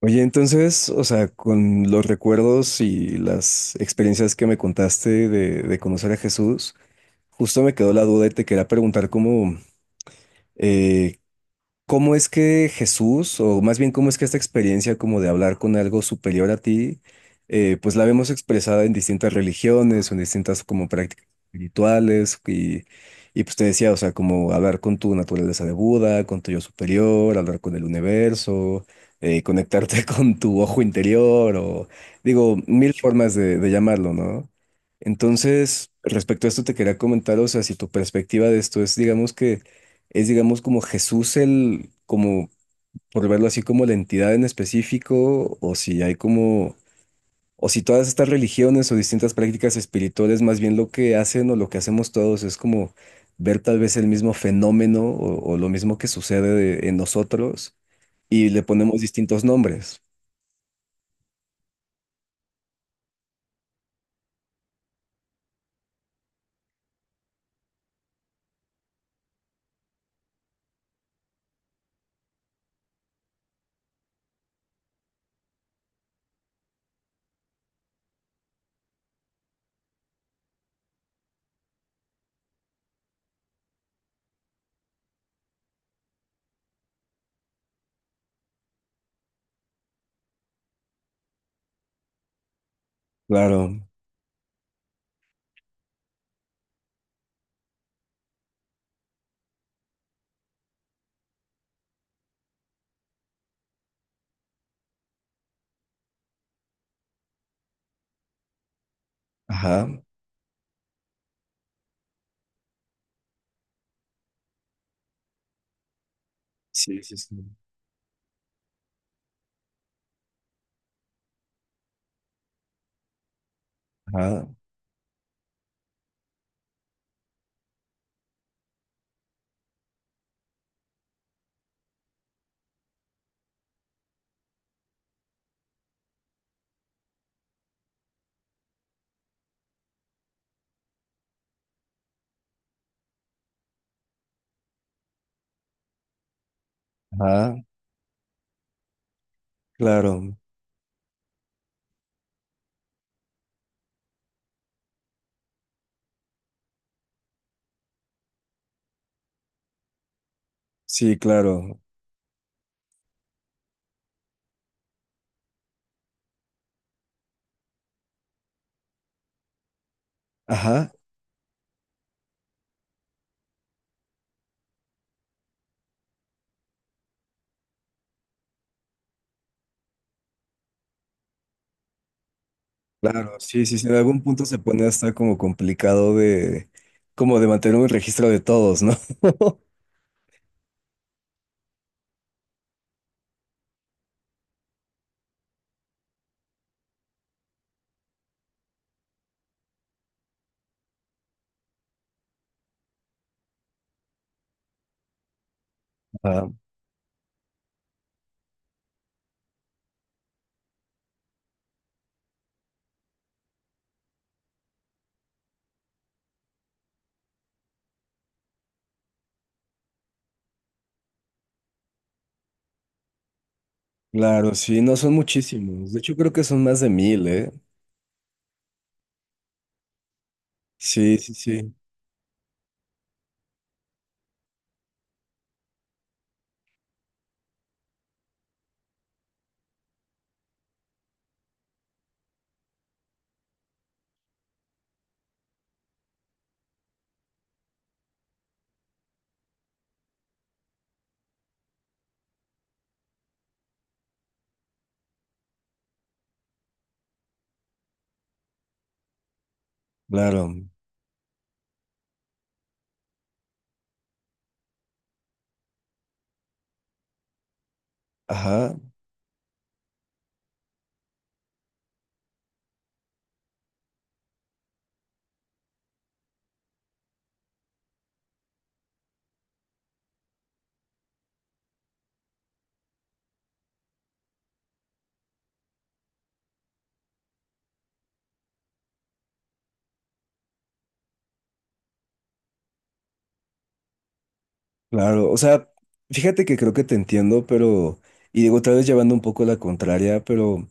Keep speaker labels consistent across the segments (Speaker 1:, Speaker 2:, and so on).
Speaker 1: Oye, entonces, o sea, con los recuerdos y las experiencias que me contaste de conocer a Jesús, justo me quedó la duda y te quería preguntar eh, ¿Cómo es que Jesús, o más bien cómo es que esta experiencia como de hablar con algo superior a ti, pues la vemos expresada en distintas religiones, o en distintas como prácticas espirituales, y pues te decía, o sea, como hablar con tu naturaleza de Buda, con tu yo superior, hablar con el universo, conectarte con tu ojo interior, o digo, mil formas de llamarlo, ¿no? Entonces, respecto a esto te quería comentar, o sea, si tu perspectiva de esto es, digamos que es, digamos, como Jesús el, como, por verlo así, como la entidad en específico, o si hay como, o si todas estas religiones o distintas prácticas espirituales, más bien lo que hacen o lo que hacemos todos es como ver tal vez el mismo fenómeno o lo mismo que sucede en nosotros y le ponemos distintos nombres. Claro, ajá. Sí, sí, sí. Ajá, ajá, claro. Sí, claro. Ajá. Claro, sí, sí, sí, en algún punto se pone hasta como complicado de, como de mantener un registro de todos, ¿no? Ah, claro, sí, no son muchísimos. De hecho, creo que son más de mil, ¿eh? Sí, sí, sí, claro. Ajá, claro. O sea, fíjate que creo que te entiendo, pero, y digo, otra vez llevando un poco la contraria, pero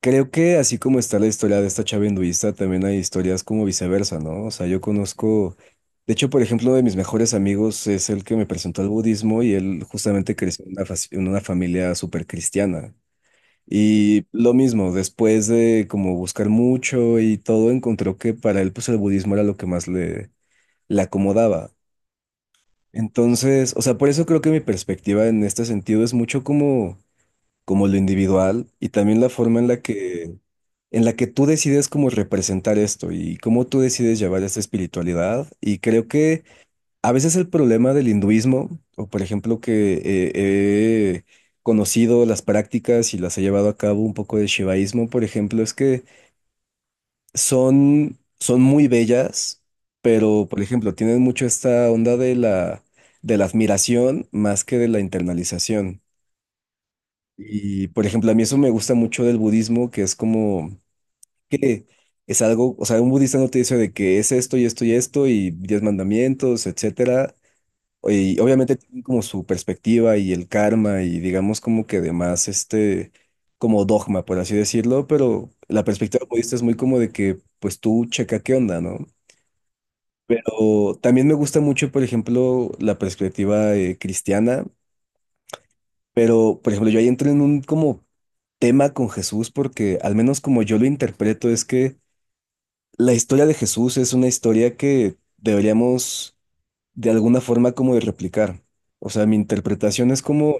Speaker 1: creo que así como está la historia de esta chava hinduista, también hay historias como viceversa, ¿no? O sea, yo conozco, de hecho, por ejemplo, uno de mis mejores amigos es el que me presentó al budismo y él justamente creció en una familia súper cristiana. Y lo mismo, después de como buscar mucho y todo, encontró que para él pues el budismo era lo que más le acomodaba. Entonces, o sea, por eso creo que mi perspectiva en este sentido es mucho como lo individual y también la forma en la que, tú decides cómo representar esto y cómo tú decides llevar esta espiritualidad. Y creo que a veces el problema del hinduismo, o por ejemplo que he conocido las prácticas y las he llevado a cabo un poco de shivaísmo, por ejemplo, es que son muy bellas, pero por ejemplo tienen mucho esta onda de la admiración más que de la internalización. Y, por ejemplo, a mí eso me gusta mucho del budismo, que es como que es algo, o sea, un budista no te dice de que es esto y esto y esto y diez mandamientos, etcétera. Y obviamente tienen como su perspectiva y el karma y digamos como que además este, como dogma, por así decirlo, pero la perspectiva budista es muy como de que pues tú checa qué onda, ¿no? Pero también me gusta mucho, por ejemplo, la perspectiva cristiana. Pero, por ejemplo, yo ahí entro en un como tema con Jesús porque al menos como yo lo interpreto es que la historia de Jesús es una historia que deberíamos de alguna forma como de replicar. O sea, mi interpretación es como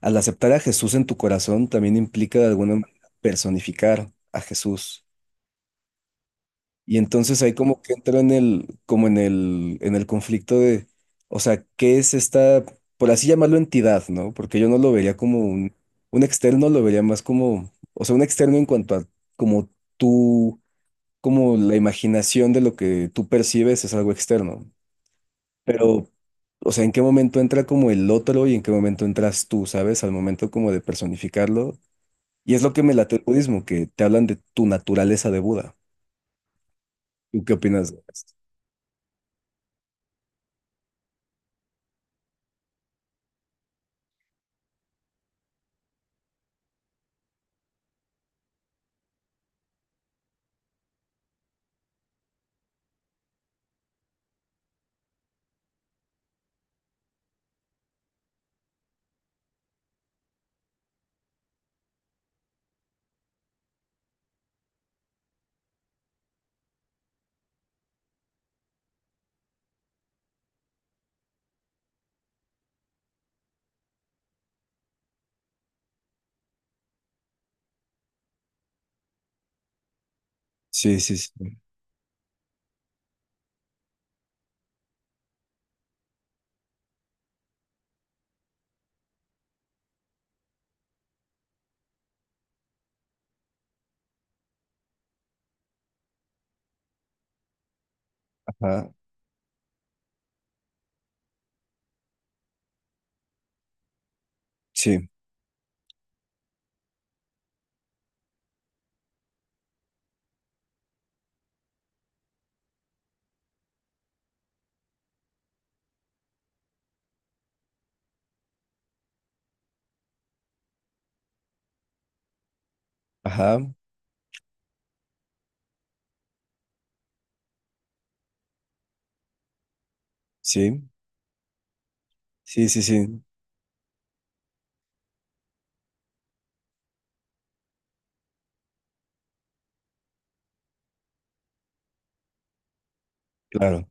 Speaker 1: al aceptar a Jesús en tu corazón también implica de alguna manera personificar a Jesús. Y entonces ahí como que entro en el, como en el conflicto de, o sea, ¿qué es esta, por así llamarlo entidad, ¿no? Porque yo no lo vería como un externo, lo vería más como, o sea, un externo en cuanto a como tú, como la imaginación de lo que tú percibes es algo externo. Pero, o sea, ¿en qué momento entra como el otro y en qué momento entras tú, ¿sabes? Al momento como de personificarlo. Y es lo que me late el budismo, que te hablan de tu naturaleza de Buda. ¿Tú qué opinas de esto? Sí, sí, sí. Ah, sí, ajá, sí, sí, sí, sí, claro,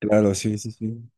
Speaker 1: claro, sí, sí, sí,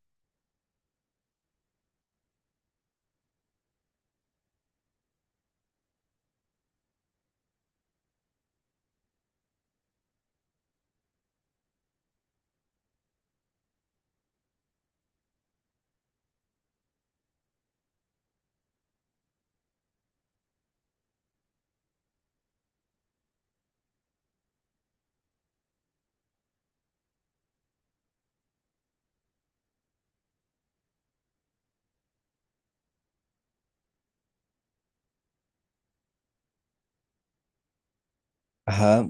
Speaker 1: ajá,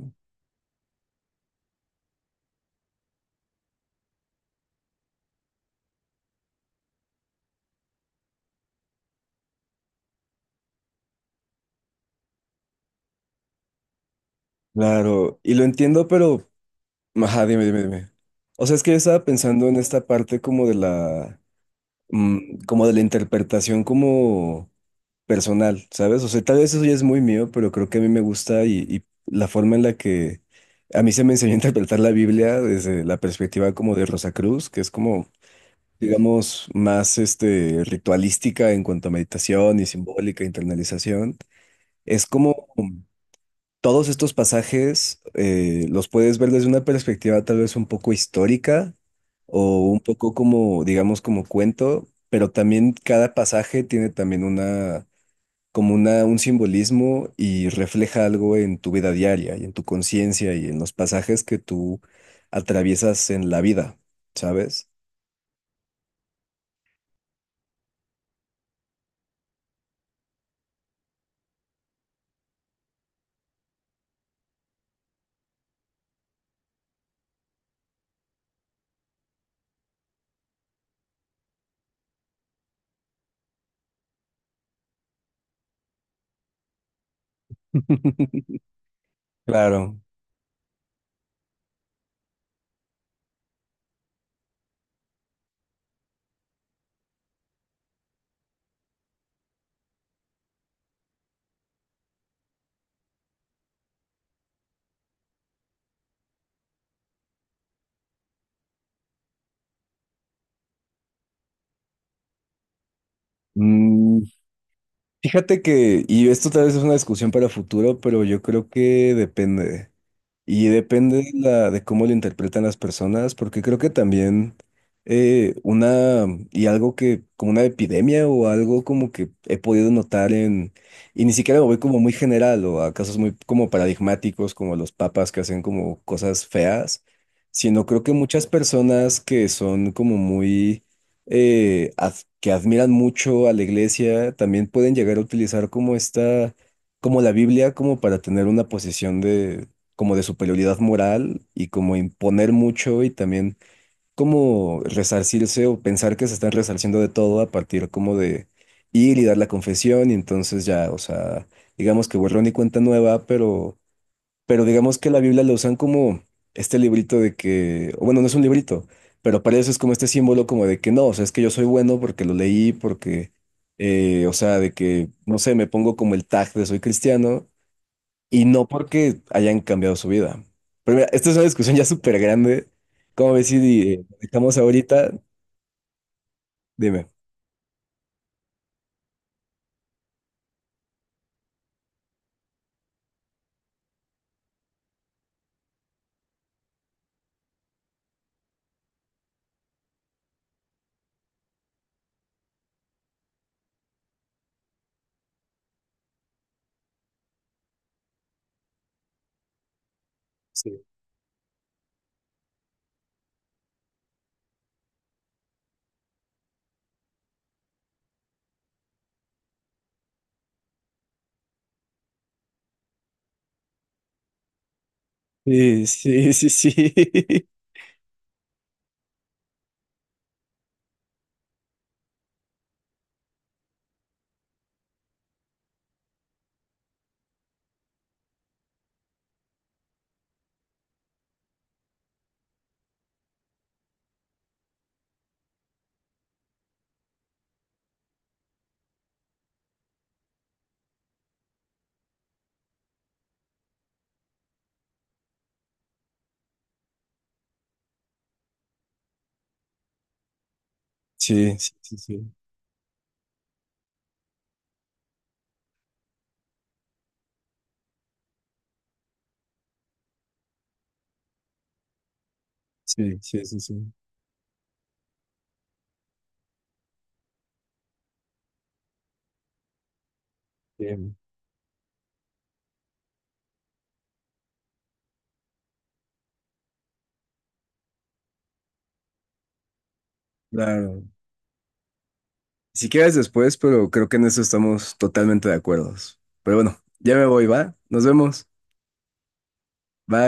Speaker 1: claro, y lo entiendo, pero, ajá, dime, dime, dime. O sea, es que yo estaba pensando en esta parte como de la interpretación como personal, ¿sabes? O sea, tal vez eso ya es muy mío, pero creo que a mí me gusta y la forma en la que a mí se me enseñó a interpretar la Biblia desde la perspectiva como de Rosa Cruz, que es como digamos, más este, ritualística en cuanto a meditación y simbólica, internalización, es como todos estos pasajes los puedes ver desde una perspectiva tal vez un poco histórica o un poco como, digamos, como cuento, pero también cada pasaje tiene también un simbolismo y refleja algo en tu vida diaria y en tu conciencia y en los pasajes que tú atraviesas en la vida, ¿sabes? Claro. Mm, Fíjate que, y esto tal vez es una discusión para futuro, pero yo creo que depende. Y depende de cómo lo interpretan las personas, porque creo que también una, y algo que, como una epidemia o algo como que he podido notar en, y ni siquiera lo voy como muy general o a casos muy como paradigmáticos, como los papas que hacen como cosas feas, sino creo que muchas personas que son como muy, eh, ad- que admiran mucho a la iglesia, también pueden llegar a utilizar como esta como la Biblia, como para tener una posición como de superioridad moral y como imponer mucho y también como resarcirse o pensar que se están resarciendo de todo a partir como de ir y dar la confesión y entonces ya, o sea, digamos que borrón y cuenta nueva, pero, digamos que la Biblia la usan como este librito de que, o bueno, no es un librito, pero para eso es como este símbolo como de que no, o sea, es que yo soy bueno porque lo leí, porque... o sea, de que, no sé, me pongo como el tag de soy cristiano y no porque hayan cambiado su vida. Pero mira, esta es una discusión ya súper grande. ¿Cómo ves si dejamos ahorita? Dime. Sí. Sí, sí, sí, sí. Sí, sí, sí, sí. Sí, sí, sí, sí. Bien. Claro. Si quieres después, pero creo que en eso estamos totalmente de acuerdo. Pero bueno, ya me voy, ¿va? Nos vemos. Bye.